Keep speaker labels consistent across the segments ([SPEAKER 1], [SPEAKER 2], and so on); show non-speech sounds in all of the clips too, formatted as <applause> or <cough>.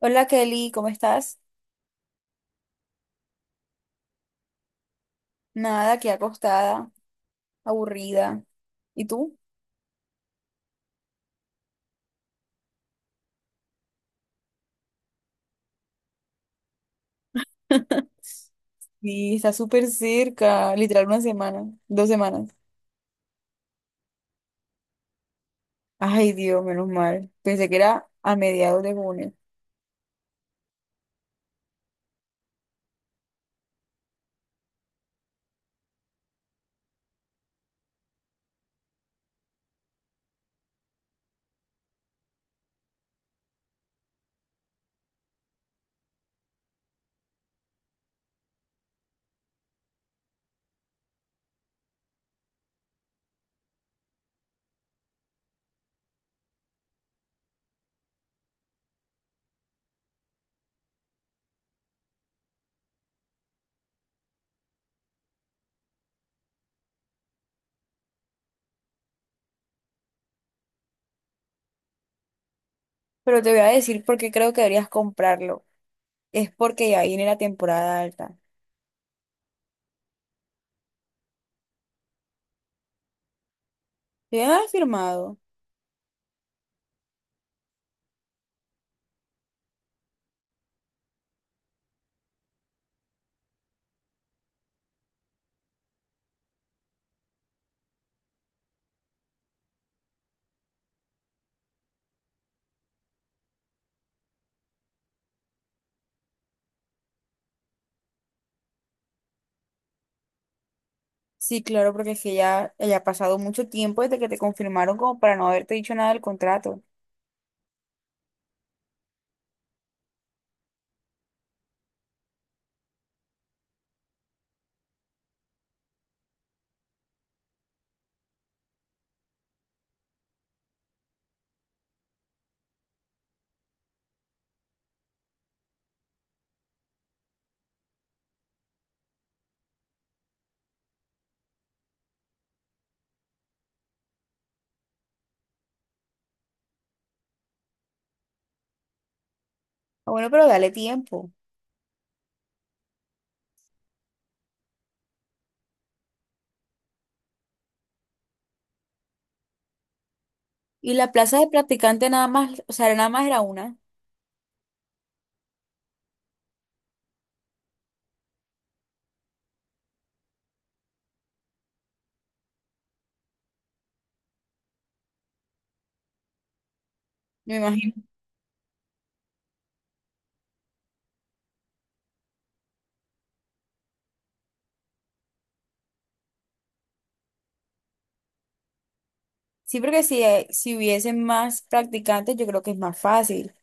[SPEAKER 1] Hola Kelly, ¿cómo estás? Nada, aquí acostada, aburrida. ¿Y tú? <laughs> Sí, está súper cerca, literal una semana, 2 semanas. Ay, Dios, menos mal. Pensé que era a mediados de junio. Pero te voy a decir por qué creo que deberías comprarlo. Es porque ya viene la temporada alta. ¿Te han firmado? Sí, claro, porque es que ya, ya ha pasado mucho tiempo desde que te confirmaron como para no haberte dicho nada del contrato. Ah, bueno, pero dale tiempo. Y la plaza de practicante nada más, o sea, nada más era una. Me imagino. Sí, porque si hubiesen más practicantes, yo creo que es más fácil.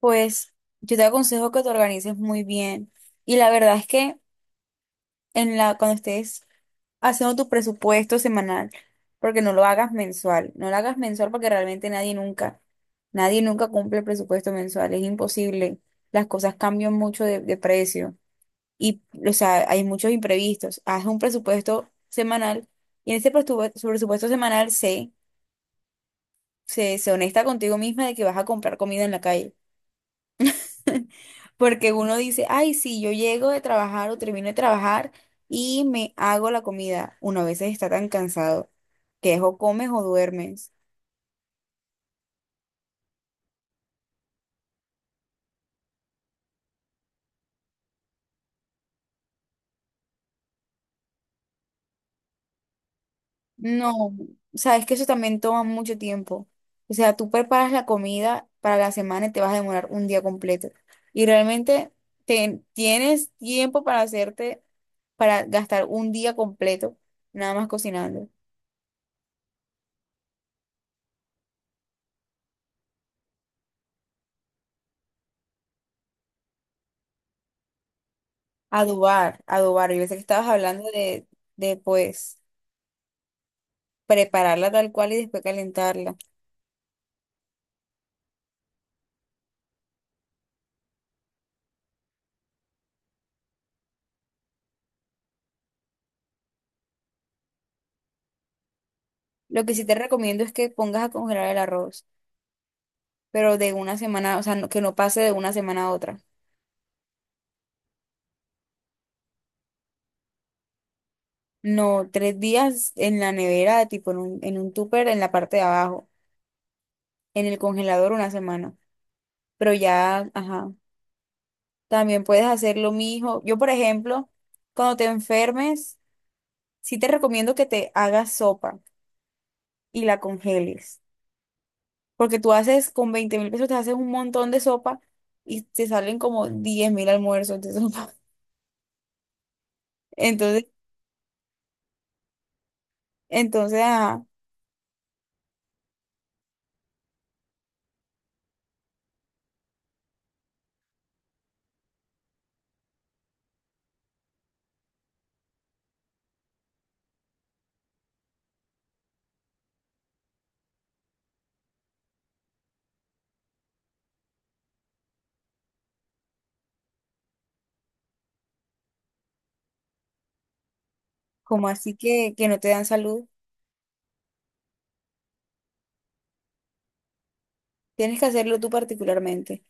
[SPEAKER 1] Pues yo te aconsejo que te organices muy bien. Y la verdad es que cuando estés haciendo tu presupuesto semanal, porque no lo hagas mensual, no lo hagas mensual porque realmente nadie nunca cumple el presupuesto mensual, es imposible. Las cosas cambian mucho de precio y, o sea, hay muchos imprevistos. Haz un presupuesto semanal y en ese presupuesto semanal se honesta contigo misma de que vas a comprar comida en la calle. <laughs> Porque uno dice, ay, sí, yo llego de trabajar o termino de trabajar y me hago la comida. Uno a veces está tan cansado que es o comes o duermes. No, sabes que eso también toma mucho tiempo. O sea, tú preparas la comida para la semana y te vas a demorar un día completo. Y realmente tienes tiempo para hacerte, para gastar un día completo nada más cocinando. Adobar, adobar. Yo pensé que estabas hablando de pues prepararla tal cual y después calentarla. Lo que sí te recomiendo es que pongas a congelar el arroz, pero de una semana, o sea, que no pase de una semana a otra. No, 3 días en la nevera, tipo en un tupper en la parte de abajo, en el congelador una semana. Pero ya, ajá, también puedes hacer lo mismo. Yo, por ejemplo, cuando te enfermes, sí te recomiendo que te hagas sopa y la congeles. Porque tú haces con 20.000 pesos, te haces un montón de sopa y te salen como 10.000 almuerzos de sopa. <laughs> Entonces, ajá, como así que no te dan salud, tienes que hacerlo tú particularmente.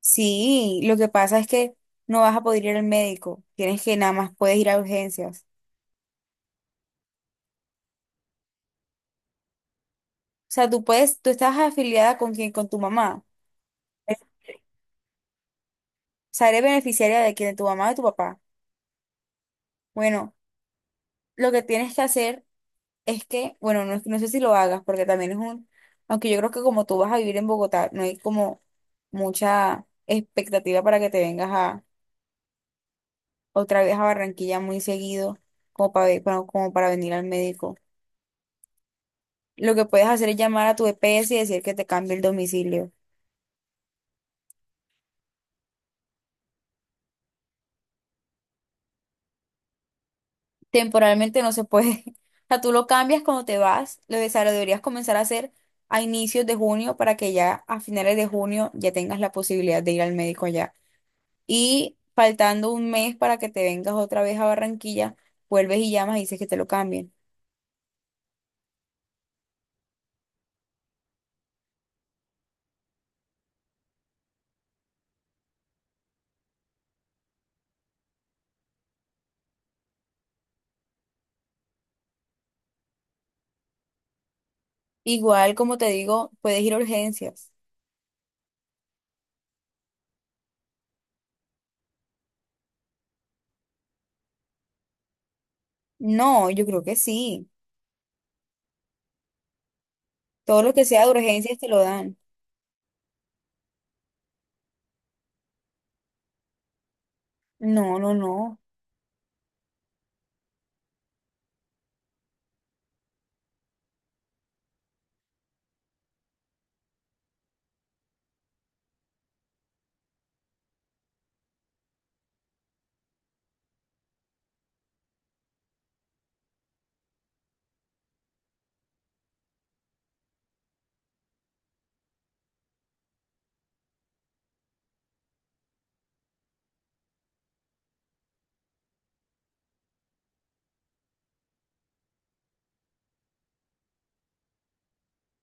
[SPEAKER 1] Sí, lo que pasa es que no vas a poder ir al médico, tienes que nada más puedes ir a urgencias. O sea, tú estás afiliada con quién, con tu mamá. O sea, eres beneficiaria de quién, de tu mamá o de tu papá. Bueno, lo que tienes que hacer es que, bueno, no, no sé si lo hagas, porque también aunque yo creo que como tú vas a vivir en Bogotá, no hay como mucha expectativa para que te vengas a otra vez a Barranquilla muy seguido, como para, como para venir al médico. Lo que puedes hacer es llamar a tu EPS y decir que te cambie el domicilio. Temporalmente no se puede. <laughs> O sea, tú lo cambias cuando te vas, o sea, lo deberías comenzar a hacer a inicios de junio para que ya a finales de junio ya tengas la posibilidad de ir al médico allá. Y faltando un mes para que te vengas otra vez a Barranquilla, vuelves y llamas y dices que te lo cambien. Igual, como te digo, puedes ir a urgencias. No, yo creo que sí. Todo lo que sea de urgencias te lo dan. No, no, no.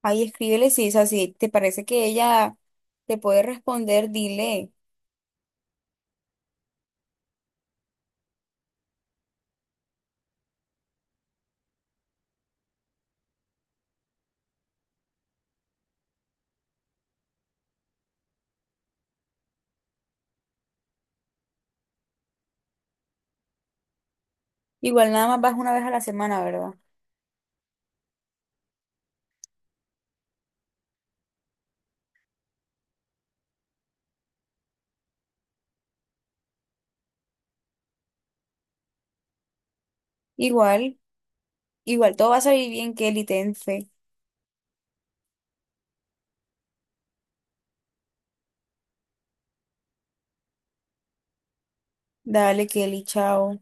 [SPEAKER 1] Ahí escríbele si es así. ¿Te parece que ella te puede responder? Dile. Igual nada más vas una vez a la semana, ¿verdad? Igual, igual todo va a salir bien, Kelly, ten fe. Dale, Kelly, chao.